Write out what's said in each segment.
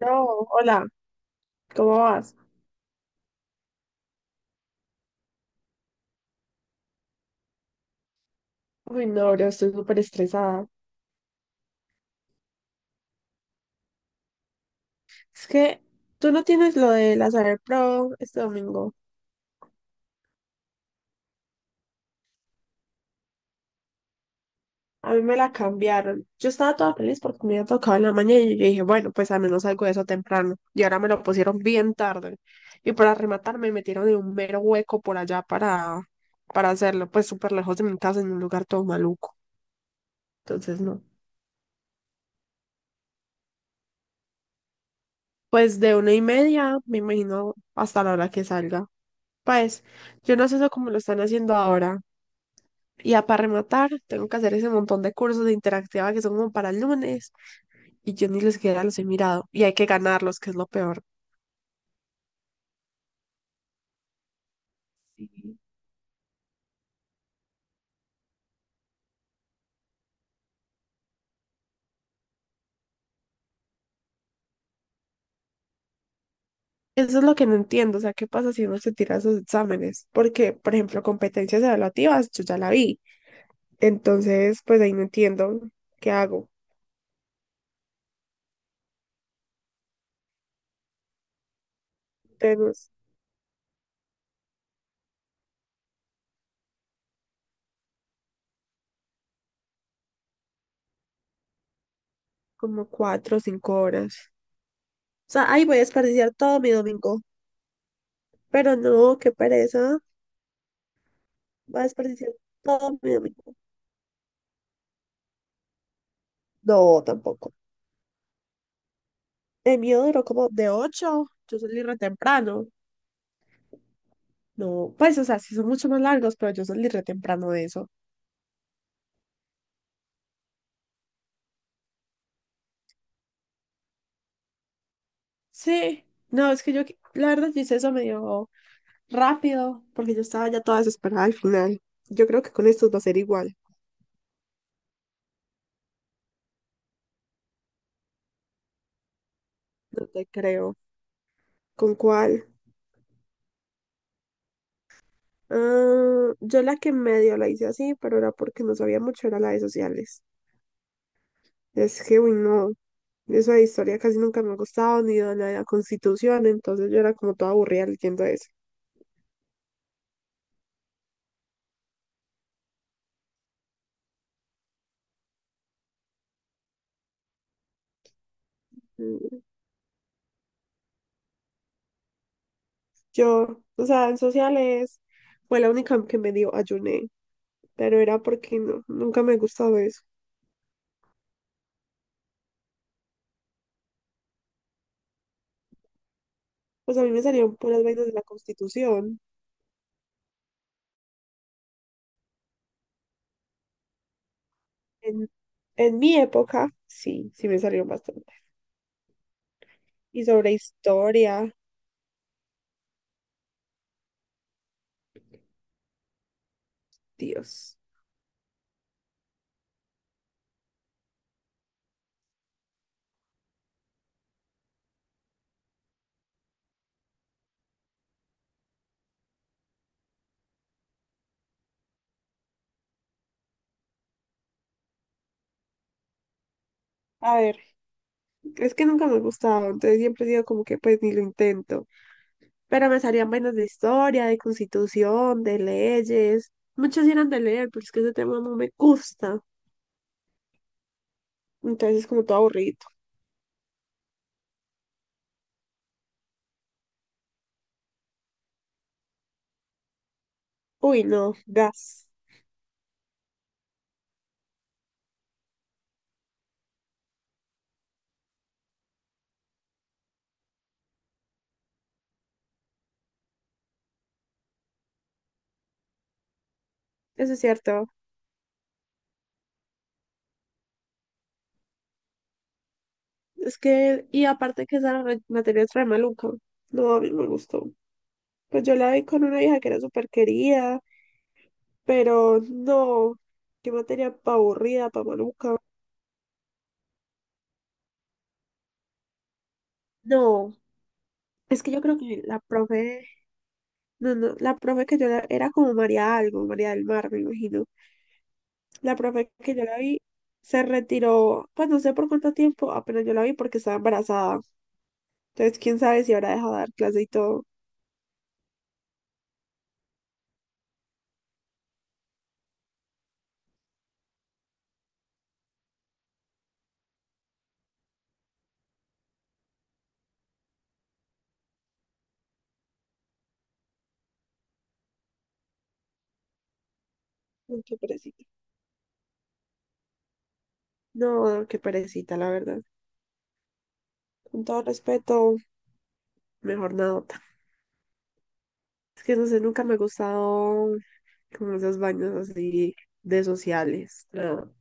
No, hola, ¿cómo vas? Uy, no, yo estoy súper estresada. Es que tú no tienes lo de la Saber Pro este domingo. A mí me la cambiaron. Yo estaba toda feliz porque me había tocado en la mañana y yo dije, bueno, pues al menos algo de eso temprano. Y ahora me lo pusieron bien tarde. Y para rematar me metieron en un mero hueco por allá para hacerlo, pues súper lejos de mi casa, en un lugar todo maluco. Entonces, no. Pues de 1:30, me imagino, hasta la hora que salga. Pues, yo no sé eso cómo lo están haciendo ahora. Y ya para rematar, tengo que hacer ese montón de cursos de interactiva que son como para el lunes y yo ni les siquiera los he mirado. Y hay que ganarlos, que es lo peor. Sí. Eso es lo que no entiendo, o sea, ¿qué pasa si uno se tira esos exámenes? Porque, por ejemplo, competencias evaluativas, yo ya la vi. Entonces, pues ahí no entiendo qué hago. Tengo como 4 o 5 horas. O sea, ahí voy a desperdiciar todo mi domingo. Pero no, qué pereza. Voy a desperdiciar todo mi domingo. No, tampoco. El mío duró como de 8, yo salí re temprano. No, pues, o sea, sí son mucho más largos, pero yo salí re temprano de eso. Sí, no, es que yo, la verdad, yo hice eso medio rápido, porque yo estaba ya toda desesperada al final. Yo creo que con estos va a ser igual, no te creo. ¿Con cuál? Ah, yo la que medio la hice así, pero era porque no sabía mucho, era la de sociales. Es que, uy, no, eso de historia casi nunca me ha gustado, ni de la Constitución, entonces yo era como toda aburrida leyendo eso. Yo, o sea, en sociales fue la única que medio ayuné, pero era porque no, nunca me gustaba eso. Pues a mí me salieron puras vainas de la Constitución. En, en mi época, sí, sí me salieron bastante. Y sobre historia, Dios. A ver, es que nunca me gustaba, entonces siempre digo como que pues ni lo intento. Pero me salían vainas de historia, de constitución, de leyes. Muchos eran de leer, pero es que ese tema no me gusta. Entonces es como todo aburrido. Uy, no, gas. Eso es cierto. Es que, y aparte que esa materia es re maluca. No, a mí no me gustó. Pues yo la vi con una hija que era súper querida, pero no, qué materia pa' aburrida, pa' maluca. No, es que yo creo que la profe, no, no, la profe que yo la, era como María algo, María del Mar, me imagino. La profe que yo la vi se retiró, pues no sé por cuánto tiempo, apenas yo la vi porque estaba embarazada. Entonces, quién sabe si habrá dejado de dar clase y todo. Ay, qué perecita. No, qué perecita, la verdad. Con todo respeto, mejor nadota. Es que no sé, nunca me ha gustado como esos baños así de sociales. ¿No?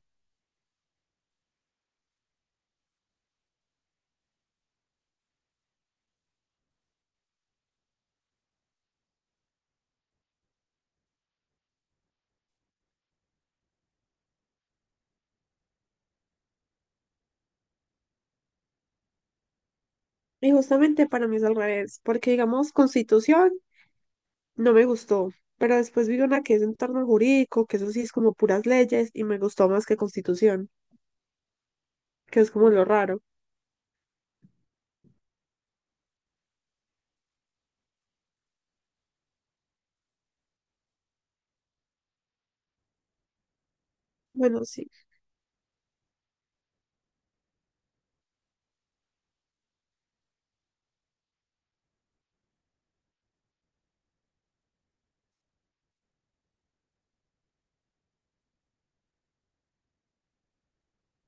Y justamente para mí es al revés, porque digamos Constitución no me gustó, pero después vi una que es entorno jurídico, que eso sí es como puras leyes y me gustó más que Constitución, que es como lo raro. Bueno, sí,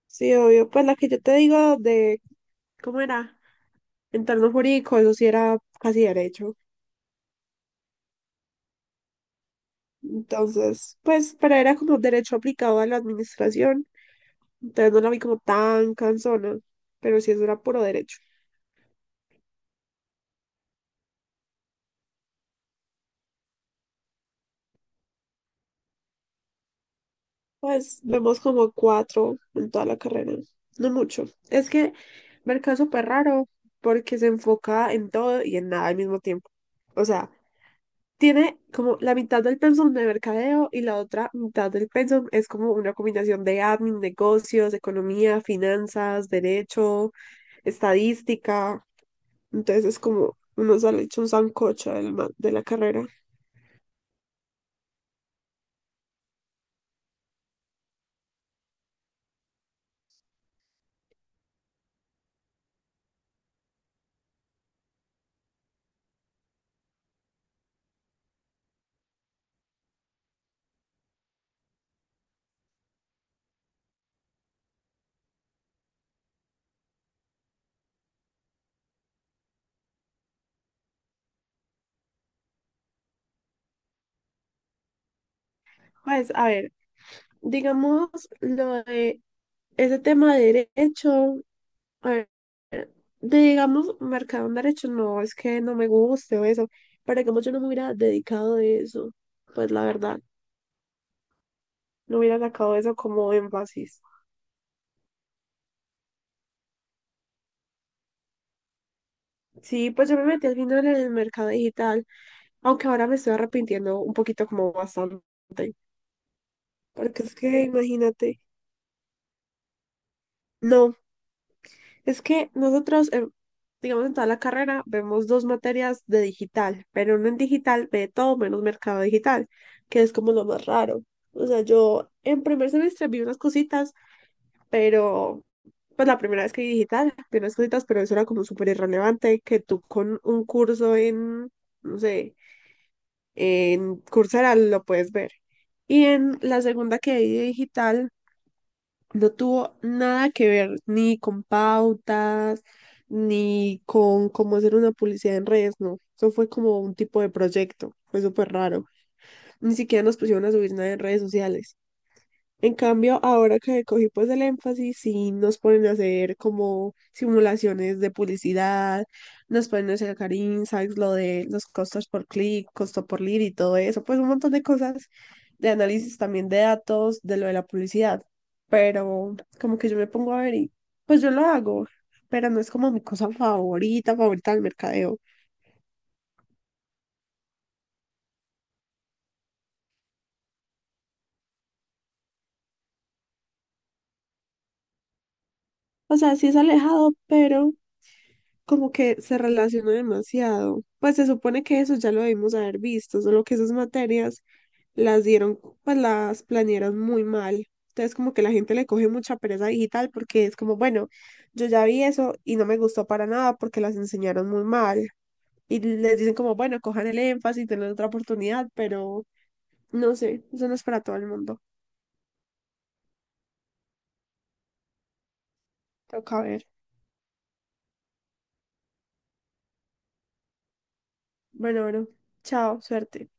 sí, obvio. Pues la que yo te digo de, ¿cómo era? Entorno jurídico, eso sí era casi derecho. Entonces, pues, pero era como derecho aplicado a la administración. Entonces no la vi como tan cansona, pero sí es dura puro derecho. Pues vemos como cuatro en toda la carrera, no mucho. Es que Mercado es súper raro porque se enfoca en todo y en nada al mismo tiempo. O sea, tiene como la mitad del pensum de mercadeo y la otra mitad del pensum es como una combinación de admin, negocios, economía, finanzas, derecho, estadística. Entonces es como uno sale hecho un sancocho de la carrera. Pues a ver. Digamos, lo de ese tema de derecho, a ver, de, digamos, marcado en derecho, no, es que no me guste o eso, pero digamos yo no me hubiera dedicado de eso, pues la verdad, no hubiera sacado eso como énfasis. Sí, pues yo me metí al final en el mercado digital, aunque ahora me estoy arrepintiendo un poquito como bastante, porque es que imagínate, no. Es que nosotros, digamos, en toda la carrera vemos 2 materias de digital, pero uno en digital ve todo menos mercado digital, que es como lo más raro. O sea, yo en primer semestre vi unas cositas, pero pues la primera vez que vi digital vi unas cositas, pero eso era como súper irrelevante, que tú con un curso en, no sé, en Coursera lo puedes ver. Y en la segunda que vi de digital no tuvo nada que ver ni con pautas, ni con cómo hacer una publicidad en redes, no. Eso fue como un tipo de proyecto, fue súper raro. Ni siquiera nos pusieron a subir nada en redes sociales. En cambio, ahora que cogí pues el énfasis, sí nos ponen a hacer como simulaciones de publicidad, nos ponen a sacar insights, lo de los costos por clic, costo por lead y todo eso, pues un montón de cosas de análisis también de datos, de lo de la publicidad. Pero como que yo me pongo a ver y pues yo lo hago, pero no es como mi cosa favorita, favorita del mercadeo. O sea, sí es alejado, pero como que se relaciona demasiado. Pues se supone que eso ya lo debimos haber visto, solo que esas materias las dieron, pues las planearon muy mal. Entonces como que la gente le coge mucha pereza digital porque es como, bueno, yo ya vi eso y no me gustó para nada porque las enseñaron muy mal. Y les dicen como, bueno, cojan el énfasis, tengan otra oportunidad, pero no sé, eso no es para todo el mundo. Toca ver. Bueno, bueno, chao, suerte.